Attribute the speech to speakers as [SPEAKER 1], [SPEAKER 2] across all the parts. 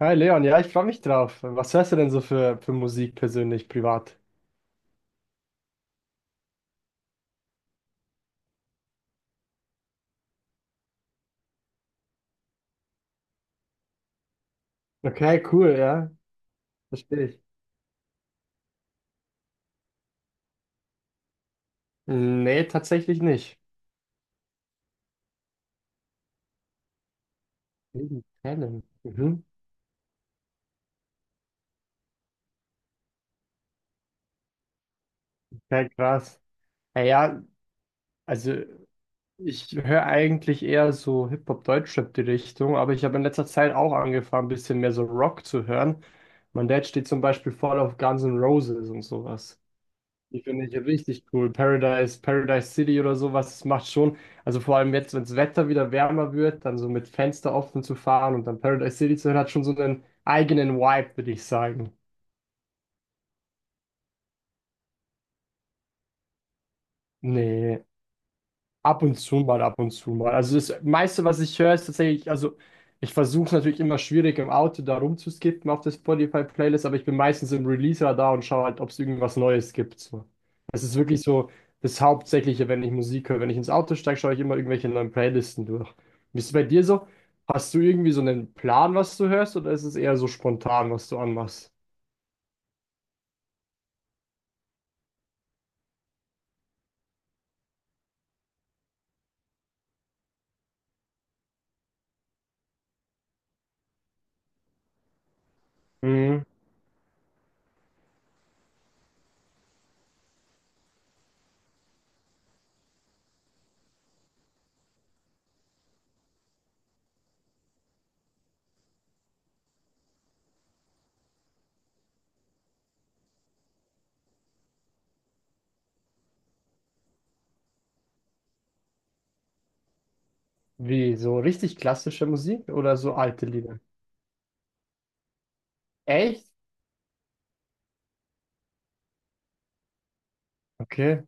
[SPEAKER 1] Hi Leon, ja, ich freue mich drauf. Was hörst du denn so für Musik persönlich, privat? Okay, cool, ja, verstehe ich. Nee, tatsächlich nicht. Neben Talent. Mhm. Ja, krass. Naja, also ich höre eigentlich eher so Hip-Hop, Deutschrap die Richtung, aber ich habe in letzter Zeit auch angefangen, ein bisschen mehr so Rock zu hören. Mein Dad steht zum Beispiel voll auf Guns N' Roses und sowas. Die finde ich richtig cool. Paradise City oder sowas, das macht schon. Also vor allem jetzt, wenn das Wetter wieder wärmer wird, dann so mit Fenster offen zu fahren und dann Paradise City zu hören, hat schon so einen eigenen Vibe, würde ich sagen. Nee. Ab und zu mal, ab und zu mal. Also das meiste, was ich höre, ist tatsächlich, also ich versuche natürlich immer schwierig im Auto da rumzuskippen auf der Spotify-Playlist, aber ich bin meistens im Release-Radar und schaue halt, ob es irgendwas Neues gibt. So. Das ist wirklich so das Hauptsächliche, wenn ich Musik höre. Wenn ich ins Auto steige, schaue ich immer irgendwelche neuen Playlisten durch. Wie ist es bei dir so? Hast du irgendwie so einen Plan, was du hörst, oder ist es eher so spontan, was du anmachst? Mhm. Wie, so richtig klassische Musik oder so alte Lieder? Echt? Okay.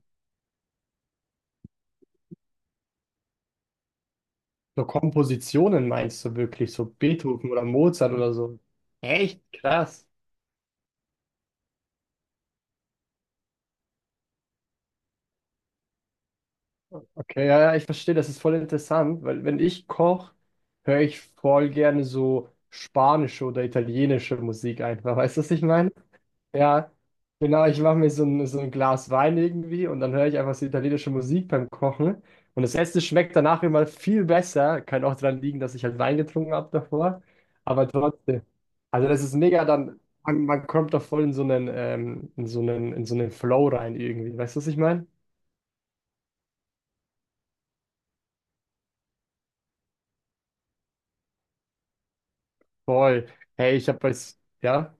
[SPEAKER 1] So Kompositionen meinst du wirklich, so Beethoven oder Mozart oder so? Echt krass. Okay, ja, ja, ich verstehe, das ist voll interessant, weil wenn ich koche, höre ich voll gerne so spanische oder italienische Musik einfach. Weißt du, was ich meine? Ja, genau, ich mache mir so ein Glas Wein irgendwie und dann höre ich einfach so italienische Musik beim Kochen. Und das Essen schmeckt danach immer viel besser. Kann auch daran liegen, dass ich halt Wein getrunken habe davor. Aber trotzdem. Also das ist mega dann, man kommt da voll in so einen, in so einen, in so einen Flow rein irgendwie. Weißt du, was ich meine? Voll. Hey, ich habe jetzt, ja.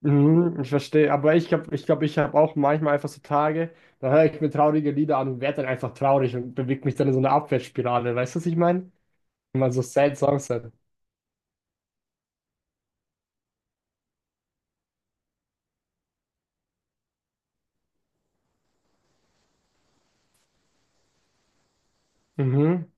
[SPEAKER 1] Mhm, ich verstehe, aber ich glaube, ich habe auch manchmal einfach so Tage, da höre ich mir traurige Lieder an und werde dann einfach traurig und bewege mich dann in so eine Abwärtsspirale. Weißt du, was ich meine? Wenn man so sad Songs hat. Mhm.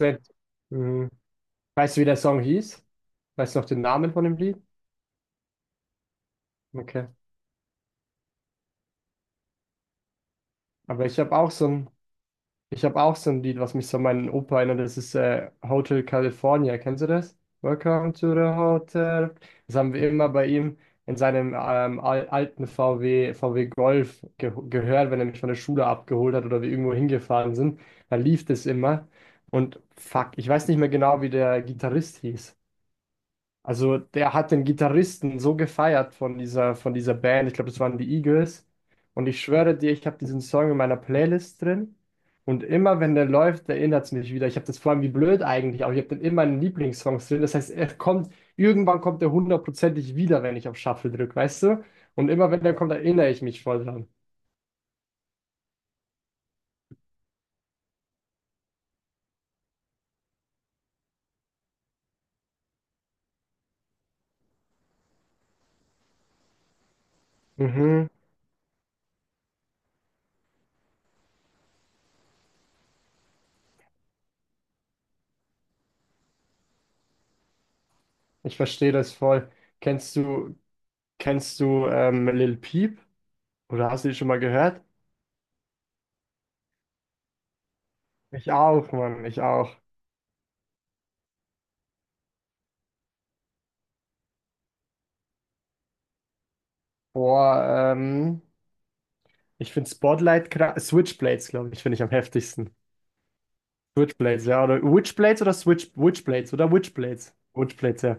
[SPEAKER 1] Sad. Mhm. Weißt du, wie der Song hieß? Weißt du noch den Namen von dem Lied? Okay. Aber ich habe auch so ein Ich habe auch so ein Lied, was mich so an meinen Opa erinnert. Das ist Hotel California. Kennst du das? Welcome to the Hotel. Das haben wir immer bei ihm in seinem alten VW Golf ge gehört, wenn er mich von der Schule abgeholt hat oder wir irgendwo hingefahren sind. Da lief das immer. Und fuck, ich weiß nicht mehr genau, wie der Gitarrist hieß. Also der hat den Gitarristen so gefeiert von dieser Band. Ich glaube, das waren die Eagles. Und ich schwöre dir, ich habe diesen Song in meiner Playlist drin. Und immer wenn der läuft, erinnert es mich wieder. Ich habe das vor allem wie blöd eigentlich, aber ich habe den in meinen Lieblingssongs drin. Das heißt, er kommt, irgendwann kommt er hundertprozentig wieder, wenn ich auf Shuffle drücke, weißt du? Und immer wenn der kommt, erinnere ich mich voll dran. Mhm, ich verstehe das voll. Kennst du, kennst du Lil Peep? Oder hast du die schon mal gehört? Ich auch, Mann, ich auch. Boah, ich finde Switchblades, glaube ich, finde ich am heftigsten. Switchblades, ja. Oder Witchblades oder Switch Witchblades oder Witchblades. Witchblades, ja.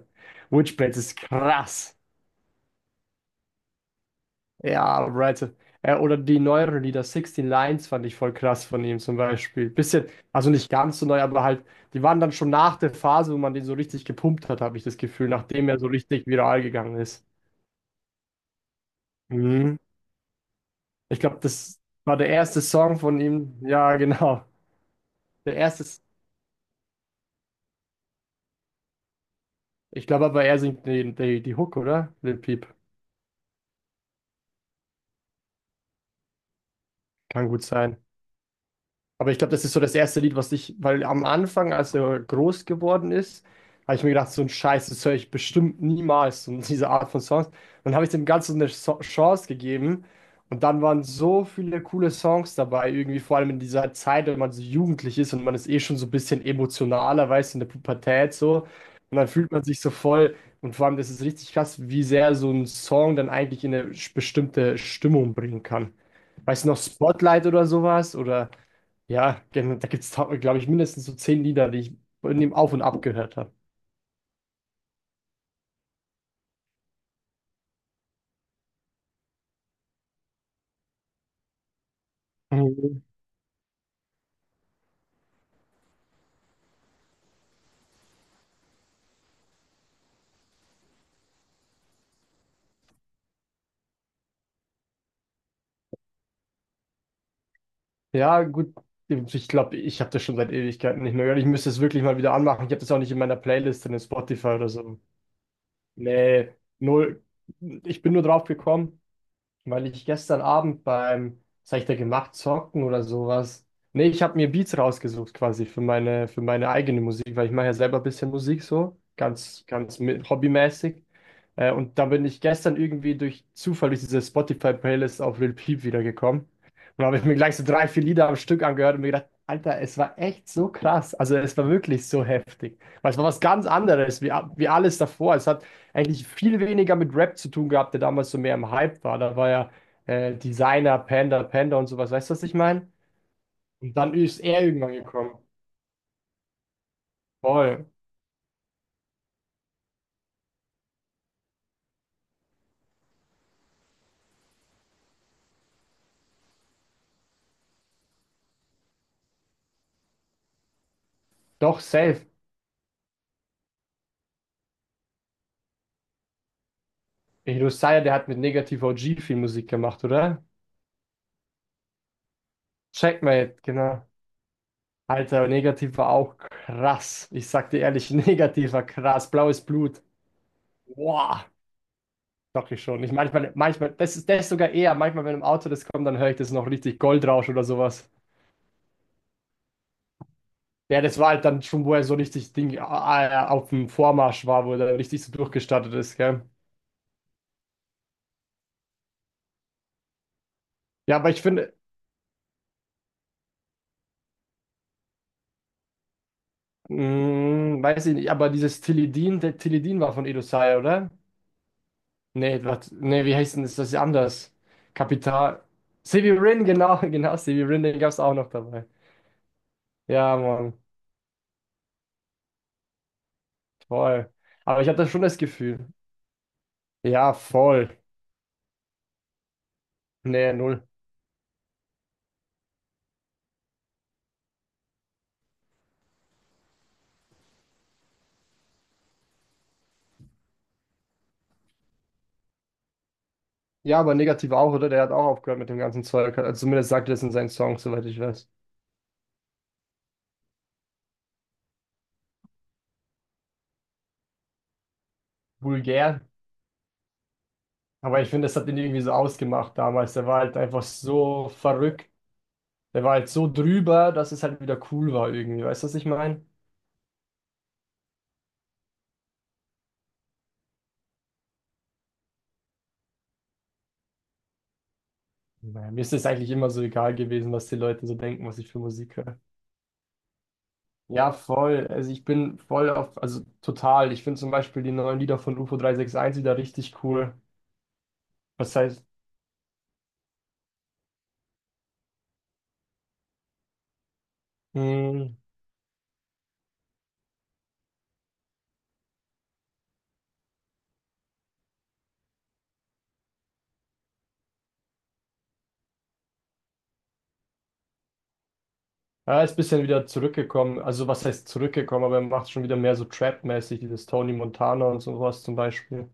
[SPEAKER 1] Witchblades ist krass. Ja, right. Oder die neueren Lieder, 16 Lines fand ich voll krass von ihm zum Beispiel. Also nicht ganz so neu, aber halt, die waren dann schon nach der Phase, wo man den so richtig gepumpt hat, habe ich das Gefühl, nachdem er so richtig viral gegangen ist. Mhm. Ich glaube, das war der erste Song von ihm. Ja, genau. Der erste Ich glaube aber, er singt die Hook, oder? Lil Peep. Kann gut sein. Aber ich glaube, das ist so das erste Lied, was ich, weil am Anfang, als er groß geworden ist, habe ich mir gedacht, so ein Scheiß, das höre ich bestimmt niemals, so diese Art von Songs. Dann habe ich dem Ganzen eine Chance gegeben und dann waren so viele coole Songs dabei, irgendwie vor allem in dieser Zeit, wenn man so jugendlich ist und man ist eh schon so ein bisschen emotionaler, weißt du, in der Pubertät so. Und dann fühlt man sich so voll und vor allem, das ist richtig krass, wie sehr so ein Song dann eigentlich in eine bestimmte Stimmung bringen kann. Weißt du noch, Spotlight oder sowas oder... Ja, genau, da gibt es, glaube ich, mindestens so zehn Lieder, die ich in dem Auf und Ab gehört habe. Mhm. Ja, gut. Ich glaube, ich habe das schon seit Ewigkeiten nicht mehr gehört. Ich müsste es wirklich mal wieder anmachen. Ich habe das auch nicht in meiner Playlist in Spotify oder so. Nee, null. Ich bin nur drauf gekommen, weil ich gestern Abend beim, was hab ich da gemacht, zocken oder sowas. Nee, ich habe mir Beats rausgesucht quasi für meine eigene Musik, weil ich mache ja selber ein bisschen Musik so, ganz, ganz mit, hobbymäßig. Und da bin ich gestern irgendwie durch Zufall durch diese Spotify-Playlist auf Lil Peep wiedergekommen. Und da habe ich mir gleich so drei, vier Lieder am Stück angehört und mir gedacht, Alter, es war echt so krass. Also es war wirklich so heftig. Weil es war was ganz anderes, wie, wie alles davor. Es hat eigentlich viel weniger mit Rap zu tun gehabt, der damals so mehr im Hype war. Da war ja Designer, Panda und sowas. Weißt du, was ich meine? Und dann ist er irgendwann gekommen. Voll. Doch, safe. Ey, Josiah, der hat mit Negativ OG viel Musik gemacht, oder? Checkmate, genau. Alter, Negativ war auch krass. Ich sag dir ehrlich, Negativ war krass. Blaues Blut. Boah. Doch, ich schon. Ich manchmal, das ist das sogar eher. Manchmal, wenn im Auto das kommt, dann höre ich das noch richtig Goldrausch oder sowas. Ja, das war halt dann schon, wo er so richtig Ding auf dem Vormarsch war, wo er da richtig so durchgestartet ist, gell? Ja, aber ich finde, mh, weiß ich nicht, aber dieses Tilidin, der Tilidin war von Edosai, oder? Nee, wie heißt denn das? Das ist ja anders. Kapital. Severin, genau, genau, Severin, den gab's auch noch dabei. Ja, Mann, voll. Aber ich hatte schon das Gefühl. Ja, voll. Nee, null. Ja, aber negativ auch, oder? Der hat auch aufgehört mit dem ganzen Zeug. Also zumindest sagt er das in seinen Songs, soweit ich weiß. Vulgär. Aber ich finde, das hat ihn irgendwie so ausgemacht damals. Der war halt einfach so verrückt. Der war halt so drüber, dass es halt wieder cool war irgendwie. Weißt du, was ich meine? Naja, mir ist es eigentlich immer so egal gewesen, was die Leute so denken, was ich für Musik höre. Ja, voll. Also ich bin voll auf, also total. Ich finde zum Beispiel die neuen Lieder von UFO 361 wieder richtig cool. Was heißt, hm, er ist ein bisschen wieder zurückgekommen. Also was heißt zurückgekommen, aber er macht schon wieder mehr so Trap-mäßig, dieses Tony Montana und sowas zum Beispiel.